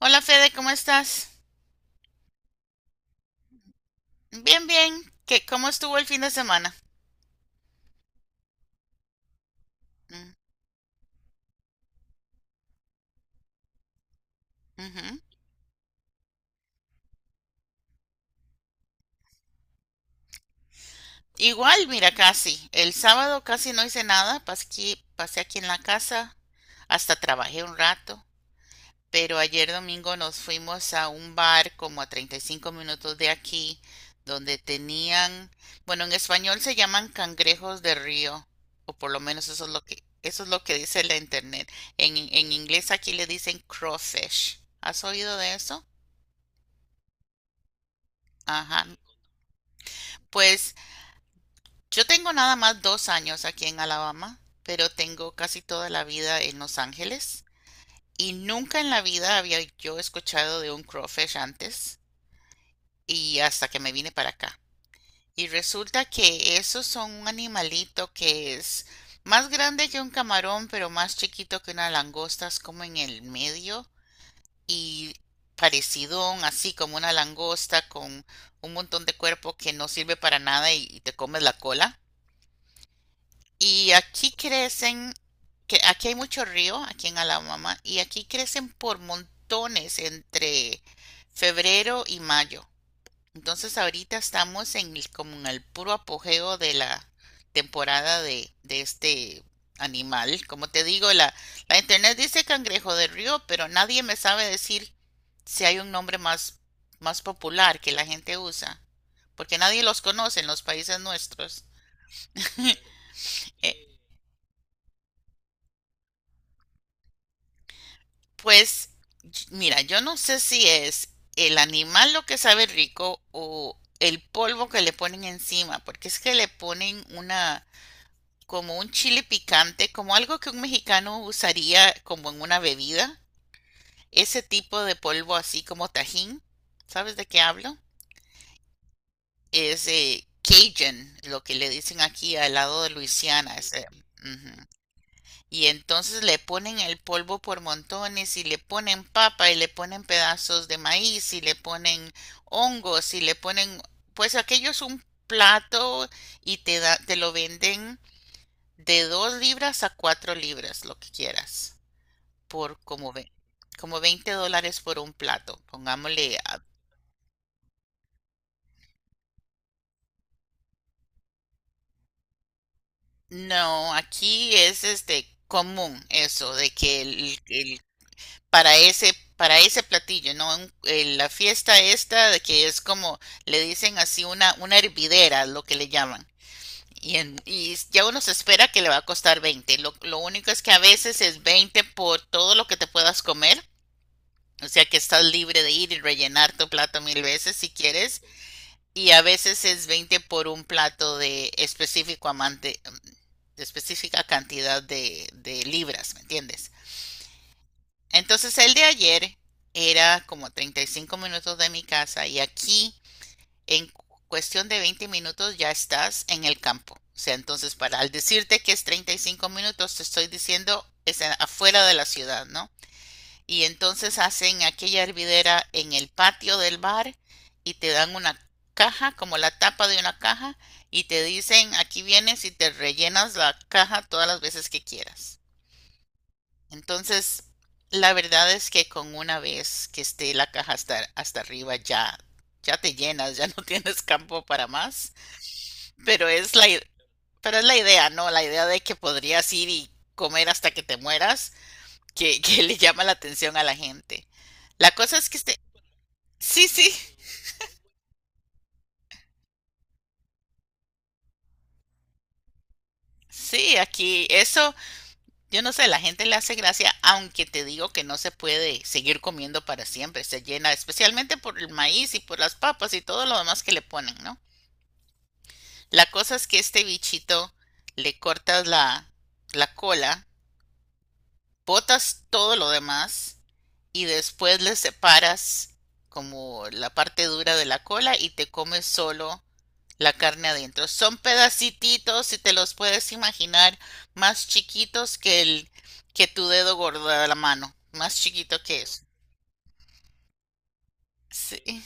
Hola Fede, ¿cómo estás? Bien, bien. ¿Qué, cómo estuvo el fin de semana? Mm, ujú. Igual, mira, casi. El sábado casi no hice nada, pasé aquí en la casa, hasta trabajé un rato, pero ayer domingo nos fuimos a un bar como a 35 minutos de aquí, donde tenían, bueno, en español se llaman cangrejos de río, o por lo menos eso es lo que dice la internet. En inglés aquí le dicen crawfish. ¿Has oído de eso? Ajá. Pues yo tengo nada más dos años aquí en Alabama, pero tengo casi toda la vida en Los Ángeles y nunca en la vida había yo escuchado de un crawfish antes y hasta que me vine para acá. Y resulta que esos son un animalito que es más grande que un camarón, pero más chiquito que una langosta, es como en el medio y parecidón, así como una langosta con un montón de cuerpo que no sirve para nada y te comes la cola. Y aquí crecen, que aquí hay mucho río, aquí en Alabama, y aquí crecen por montones entre febrero y mayo. Entonces ahorita estamos en como en el puro apogeo de la temporada de este animal. Como te digo, la internet dice cangrejo de río, pero nadie me sabe decir si hay un nombre más popular que la gente usa, porque nadie los conoce en los países nuestros. E- Pues mira, yo no sé si es el animal lo que sabe rico o el polvo que le ponen encima, porque es que le ponen una, como un chile picante, como algo que un mexicano usaría como en una bebida, ese tipo de polvo así como tajín, ¿sabes de qué hablo? Es Cajun, lo que le dicen aquí al lado de Luisiana, ese, ujú. Y entonces le ponen el polvo por montones y le ponen papa y le ponen pedazos de maíz y le ponen hongos y le ponen, pues aquello es un plato y te lo venden de 2 libras a 4 libras, lo que quieras, por como ve, como $20 por un plato, pongámosle. No, aquí es este común eso de que el para para ese platillo, ¿no?, en la fiesta esta de que es como, le dicen así una hervidera, lo que le llaman. Y ya uno se espera que le va a costar 20. Lo único es que a veces es 20 por todo lo que te puedas comer. O sea que estás libre de ir y rellenar tu plato 1000 veces si quieres. Y a veces es 20 por un plato de específico amante, de específica cantidad de libras, ¿me entiendes? Entonces el de ayer era como 35 minutos de mi casa y aquí en cuestión de 20 minutos ya estás en el campo. O sea, entonces para al decirte que es 35 minutos te estoy diciendo es afuera de la ciudad, ¿no? Y entonces hacen aquella hervidera en el patio del bar y te dan una caja, como la tapa de una caja, y te dicen, aquí vienes y te rellenas la caja todas las veces que quieras. Entonces, la verdad es que con una vez que esté la caja hasta arriba ya, ya te llenas, ya no tienes campo para más. Pero es la, i- pero es la idea, ¿no? La idea de que podrías ir y comer hasta que te mueras, que le llama la atención a la gente. La cosa es que sí, sí, sí, aquí eso, yo no sé, la gente le hace gracia, aunque te digo que no se puede seguir comiendo para siempre, se llena, especialmente por el maíz y por las papas y todo lo demás que le ponen, ¿no? La cosa es que este bichito le cortas la cola, botas todo lo demás y después le separas como la parte dura de la cola y te comes solo la carne adentro. Son pedacititos, si te los puedes imaginar, más chiquitos que el que tu dedo gordo de la mano, más chiquito que eso. Sí.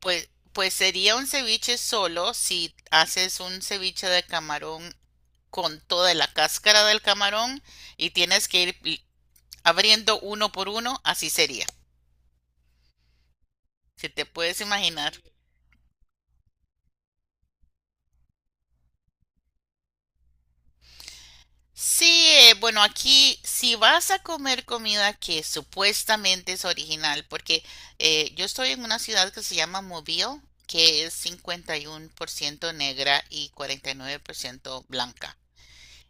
Pues, pues sería un ceviche solo si haces un ceviche de camarón con toda la cáscara del camarón y tienes que ir abriendo uno por uno, así sería, si te puedes imaginar. Sí, bueno, aquí si vas a comer comida que supuestamente es original, porque yo estoy en una ciudad que se llama Mobile, que es 51% negra y 49% blanca.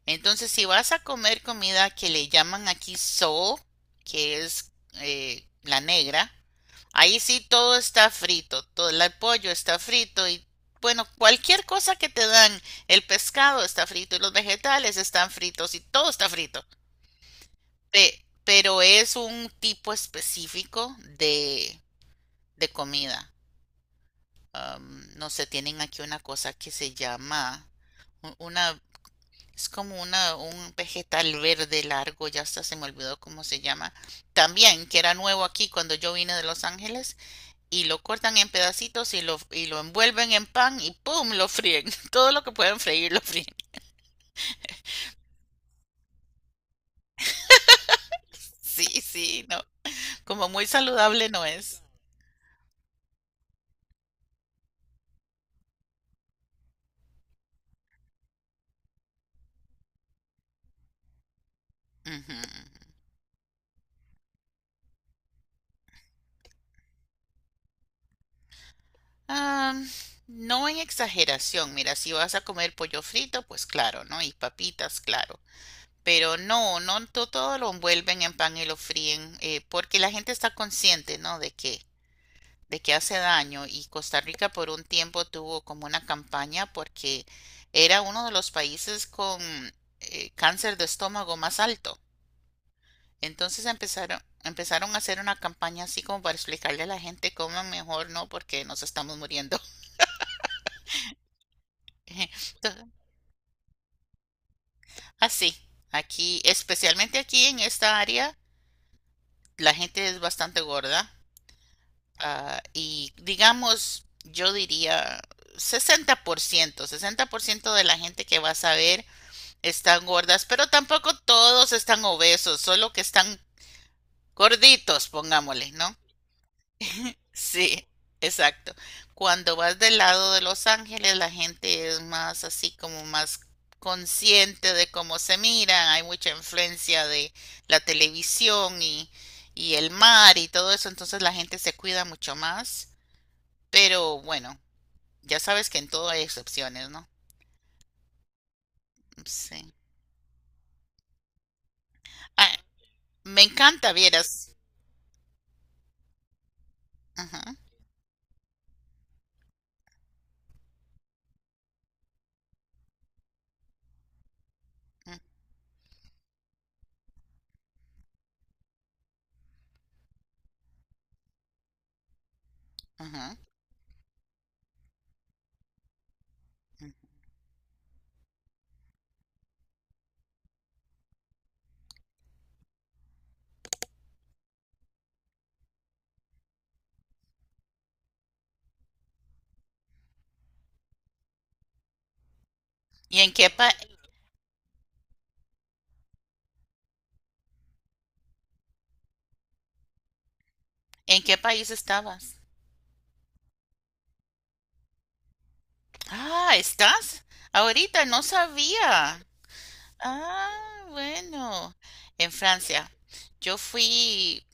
Entonces, si vas a comer comida que le llaman aquí soul, que es la negra, ahí sí todo está frito, todo el pollo está frito y bueno, cualquier cosa que te dan, el pescado está frito y los vegetales están fritos y todo está frito. Pero es un tipo específico de comida. Am, no sé, tienen aquí una cosa que se llama una, es como un vegetal verde largo, ya hasta se me olvidó cómo se llama. También, que era nuevo aquí cuando yo vine de Los Ángeles, y lo cortan en pedacitos y lo envuelven en pan y ¡pum!, lo fríen. Todo lo que pueden freír lo fríen. Sí, sí, no. Como muy saludable no es. Ujú. Ah, no en exageración. Mira, si vas a comer pollo frito, pues claro, ¿no? Y papitas, claro. Pero no, todo lo envuelven en pan y lo fríen, porque la gente está consciente, ¿no? De que hace daño y Costa Rica por un tiempo tuvo como una campaña porque era uno de los países con cáncer de estómago más alto. Entonces empezaron a hacer una campaña así como para explicarle a la gente cómo mejor no porque nos estamos muriendo. Entonces, así, aquí, especialmente aquí en esta área, la gente es bastante gorda y digamos, yo diría sesenta por ciento, 60% de la gente que vas a ver están gordas, pero tampoco todos están obesos, solo que están gorditos, pongámosle, ¿no? Sí, exacto. Cuando vas del lado de Los Ángeles, la gente es más así como más consciente de cómo se miran, hay mucha influencia de la televisión y el mar y todo eso, entonces la gente se cuida mucho más, pero bueno, ya sabes que en todo hay excepciones, ¿no? Sí. Ah, me encanta, vieras. Ajá, ajá, ajá. ¿Y en qué en qué país estabas? Ah, ¿estás? Ahorita no sabía. Ah, bueno, en Francia. Yo fui,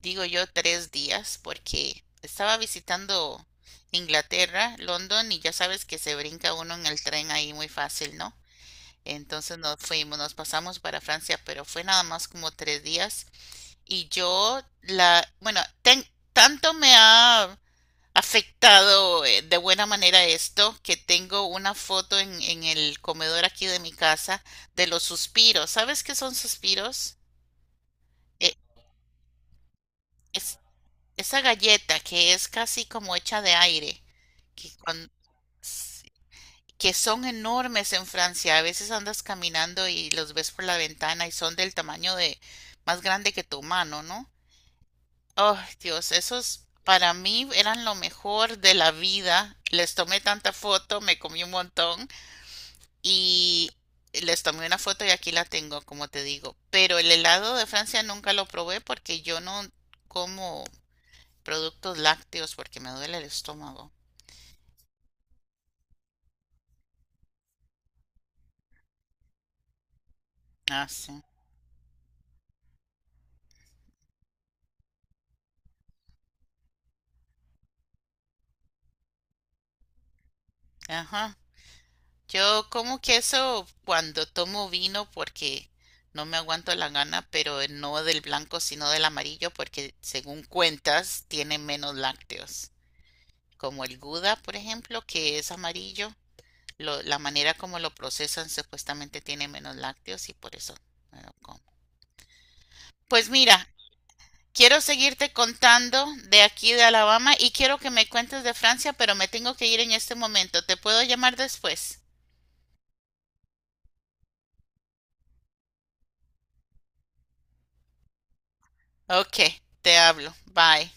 digo yo, 3 días porque estaba visitando Inglaterra, London, y ya sabes que se brinca uno en el tren ahí muy fácil, ¿no? Entonces nos fuimos, nos pasamos para Francia, pero fue nada más como 3 días. Y yo, bueno, tanto me ha afectado de buena manera esto, que tengo una foto en el comedor aquí de mi casa de los suspiros. ¿Sabes qué son suspiros? Eh, es, esa galleta que es casi como hecha de aire, que, cuan- s- que son enormes en Francia. A veces andas caminando y los ves por la ventana y son del tamaño de más grande que tu mano, ¿no? Oh, Dios, esos para mí eran lo mejor de la vida. Les tomé tanta foto, me comí un montón. Y les tomé una foto y aquí la tengo, como te digo. Pero el helado de Francia nunca lo probé porque yo no como productos lácteos porque me duele el estómago. Ah, sí. Ajá. Yo como queso cuando tomo vino porque no me aguanto la gana, pero no del blanco sino del amarillo porque según cuentas tiene menos lácteos. Como el Gouda, por ejemplo, que es amarillo. Lo- la manera como lo procesan supuestamente tiene menos lácteos y por eso me lo como. Pues mira, quiero seguirte contando de aquí de Alabama y quiero que me cuentes de Francia, pero me tengo que ir en este momento. ¿Te puedo llamar después? Ok, te hablo. Bye.